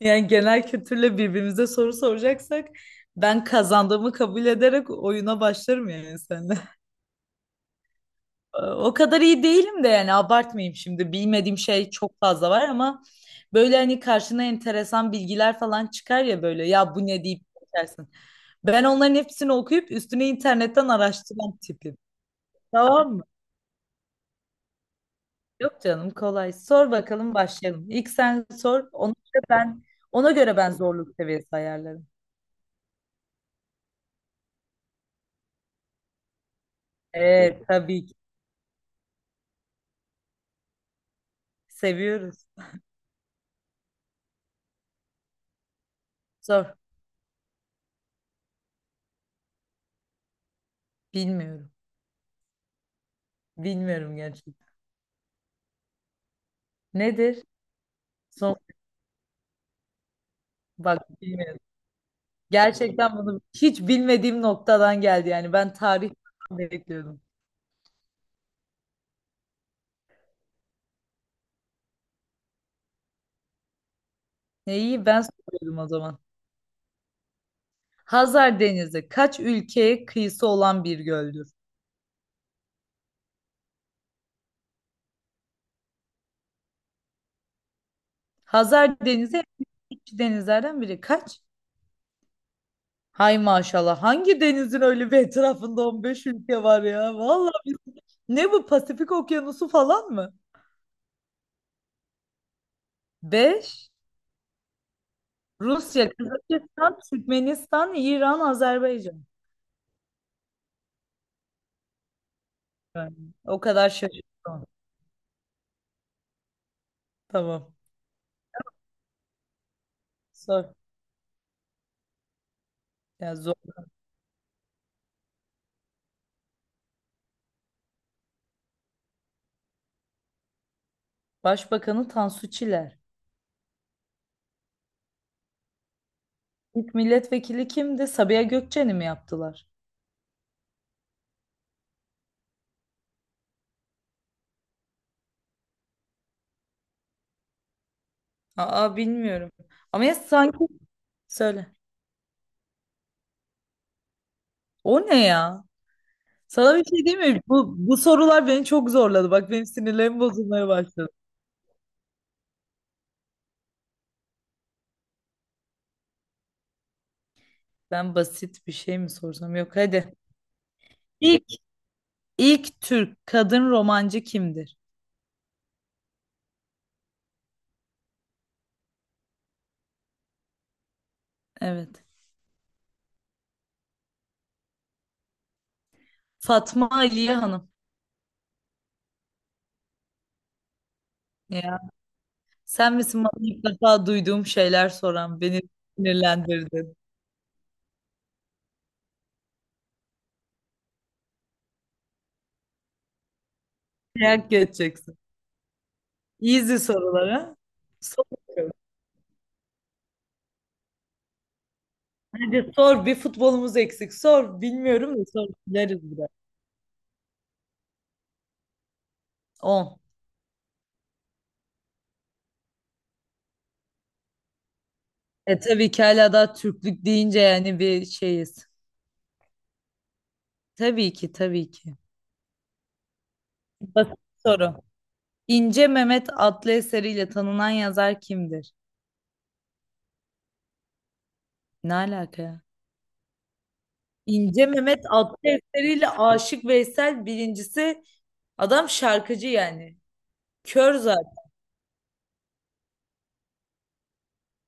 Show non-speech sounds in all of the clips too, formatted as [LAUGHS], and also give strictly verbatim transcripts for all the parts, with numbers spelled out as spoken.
Yani genel kültürle birbirimize soru soracaksak ben kazandığımı kabul ederek oyuna başlarım yani seninle. [LAUGHS] O kadar iyi değilim de yani abartmayayım şimdi. Bilmediğim şey çok fazla var ama böyle hani karşına enteresan bilgiler falan çıkar ya böyle ya bu ne deyip geçersin. Ben onların hepsini okuyup üstüne internetten araştıran tipim. Tamam mı? Yok canım kolay. Sor bakalım başlayalım. İlk sen sor. Ona göre ben ona göre ben zorluk seviyesi ayarlarım. Evet tabii ki. Seviyoruz. Zor. Bilmiyorum. Bilmiyorum gerçekten. Nedir? Son bak bilmiyorum. Gerçekten bunu hiç bilmediğim noktadan geldi yani. Ben tarih bekliyordum. Ne iyi ben soruyorum o zaman. Hazar Denizi kaç ülkeye kıyısı olan bir göldür? Hazar Denizi en eski denizlerden biri. Kaç? Hay maşallah. Hangi denizin öyle bir etrafında on beş ülke var ya? Vallahi biz- ne bu Pasifik Okyanusu falan mı? Beş. Rusya, Kazakistan, Türkmenistan, İran, Azerbaycan. Yani o kadar şaşırdım. Tamam. Sor. Ya zor. Başbakanı Tansu Çiller. İlk milletvekili kimdi? Sabiha Gökçen'i mi yaptılar? Aa, bilmiyorum. Ama ya sanki söyle. O ne ya? Sana bir şey diyeyim mi? Bu, bu sorular beni çok zorladı. Bak benim sinirlerim bozulmaya başladı. Ben basit bir şey mi sorsam? Yok hadi. İlk, ilk Türk kadın romancı kimdir? Evet. Fatma Aliye Hanım. Ya. Sen misin bana ilk defa duyduğum şeyler soran, beni sinirlendirdin. Dayak geçeceksin. Easy sorulara. Sor bakalım. Hadi sor. Bir futbolumuz eksik. Sor. Bilmiyorum da sor. Bileriz biraz. On. E tabii ki hala daha Türklük deyince yani bir şeyiz. Tabii ki tabii ki. Basit soru. İnce Mehmet adlı eseriyle tanınan yazar kimdir? Ne alaka ya? İnce Mehmet adlı eseriyle Aşık Veysel birincisi adam şarkıcı yani. Kör zaten.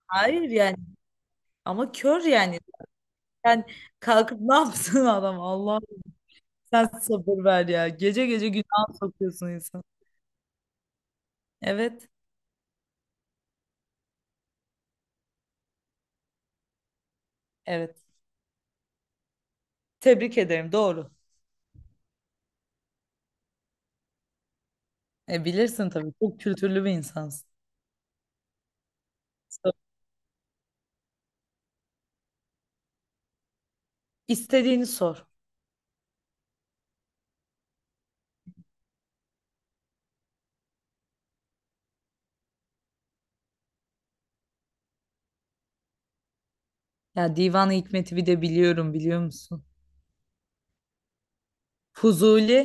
Hayır yani. Ama kör yani. Sen kalkıp ne yapsın [LAUGHS] adam? Allah sen sabır ver ya. Gece gece günah sokuyorsun insan. Evet. Evet. Tebrik ederim. Doğru. E bilirsin tabii. Çok kültürlü bir insansın. Sor. İstediğini sor. Ya Divan-ı Hikmet'i bir de biliyorum biliyor musun? Fuzuli,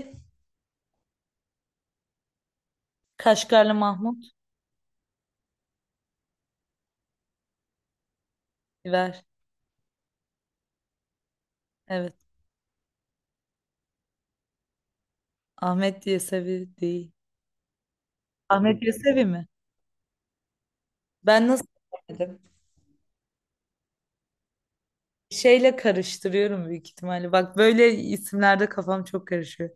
Kaşgarlı Mahmut. Ver. Evet. Ahmet Yesevi değil. Ahmet Yesevi mi? Ben nasıl bilemedim? Şeyle karıştırıyorum büyük ihtimalle. Bak böyle isimlerde kafam çok karışıyor.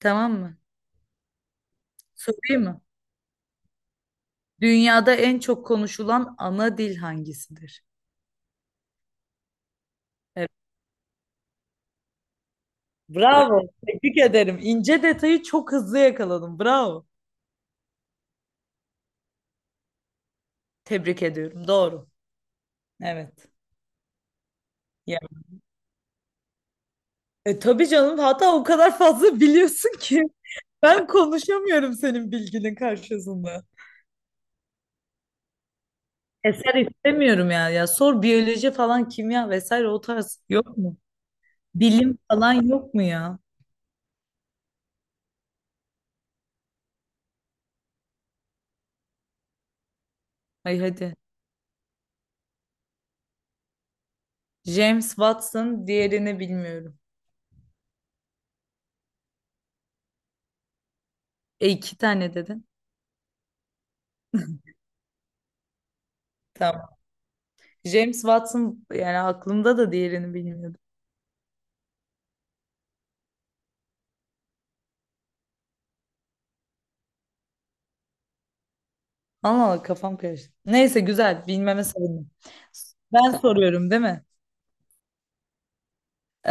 Tamam mı? Sorayım mı? Dünyada en çok konuşulan ana dil hangisidir? Evet. Bravo. Tebrik ederim. İnce detayı çok hızlı yakaladım. Bravo. Tebrik ediyorum. Doğru. Evet. Ya. E, tabii canım. Hatta o kadar fazla [LAUGHS] biliyorsun ki ben konuşamıyorum senin bilginin karşısında. Eser istemiyorum ya. Ya sor biyoloji falan kimya vesaire o tarz yok mu? Bilim falan yok mu ya? Ay hadi. James Watson diğerini bilmiyorum. E iki tane dedin. Tamam. James Watson yani aklımda da diğerini bilmiyordum. Allah Allah kafam karıştı. Neyse güzel bilmeme sevindim. Ben soruyorum değil mi? Ee,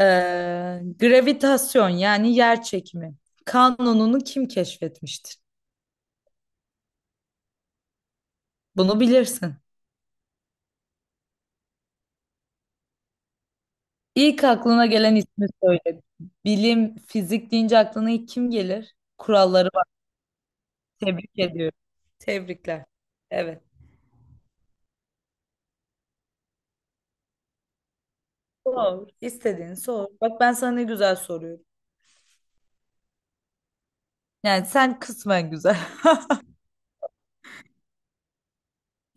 Gravitasyon yani yer çekimi kanununu kim keşfetmiştir? Bunu bilirsin. İlk aklına gelen ismi söyle. Bilim, fizik deyince aklına ilk kim gelir? Kuralları tebrik ediyorum. Tebrikler. Evet. Sor. İstediğini sor. Bak ben sana ne güzel soruyorum. Yani sen kısmen güzel. [LAUGHS]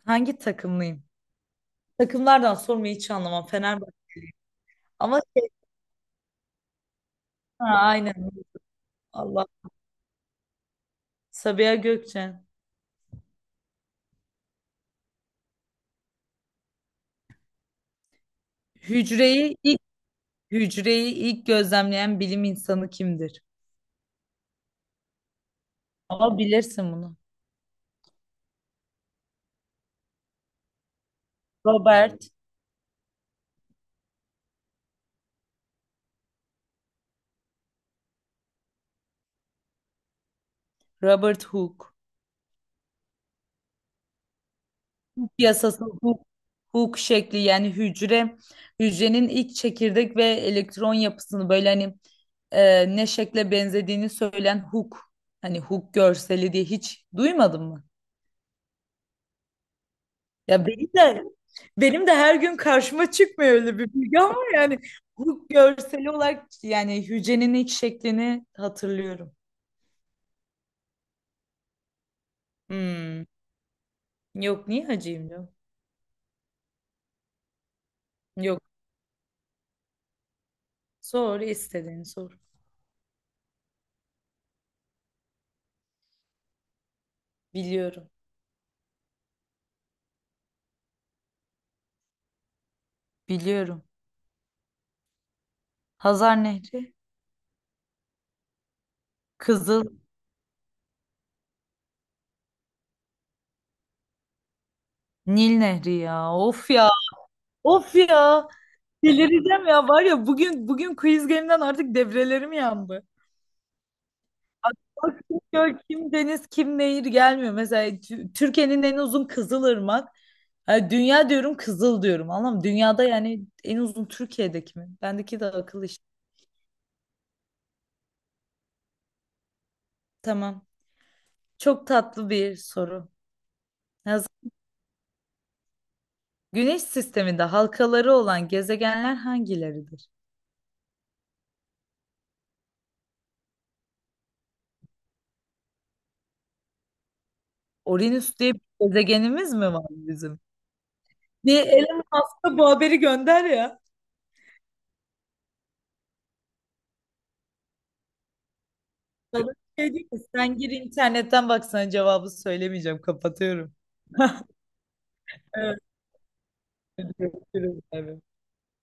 Hangi takımlıyım? Takımlardan sormayı hiç anlamam. Fenerbahçe. Ama şey, ha, aynen. Allah. Sabiha Gökçen. Hücreyi ilk hücreyi ilk gözlemleyen bilim insanı kimdir? Ama bilirsin bunu. Robert, Robert Hooke. Hooke yasası Hooke, Hooke şekli yani hücre hücrenin ilk çekirdek ve elektron yapısını böyle hani e, ne şekle benzediğini söyleyen huk. Hani huk görseli diye hiç duymadın mı? Ya benim de benim de her gün karşıma çıkmıyor öyle bir bilgi ama yani huk görseli olarak yani hücrenin iç şeklini hatırlıyorum. Hmm. Yok niye hacıyım diyor. Yok. Sor istediğini sor. Biliyorum. Biliyorum. Hazar Nehri. Kızıl Nil Nehri ya. Of ya. Of ya. Delireceğim ya. Var ya bugün bugün quiz game'den artık devrelerim yandı. Aklıma kim göl, kim deniz, kim nehir gelmiyor. Mesela Tü- Türkiye'nin en uzun Kızılırmak. Ha, dünya diyorum Kızıl diyorum. Anlam dünyada yani en uzun Türkiye'deki mi? Bendeki de akıl işte. Tamam. Çok tatlı bir soru. Hazır. Güneş sisteminde halkaları olan gezegenler hangileridir? Uranüs diye bir gezegenimiz mi var bizim? Bir Elon Musk'a bu haberi gönder ya. Sana bir şey diyeyim mi? Sen gir internetten baksana cevabı söylemeyeceğim. Kapatıyorum. [LAUGHS] Evet. Görüşürüz abi.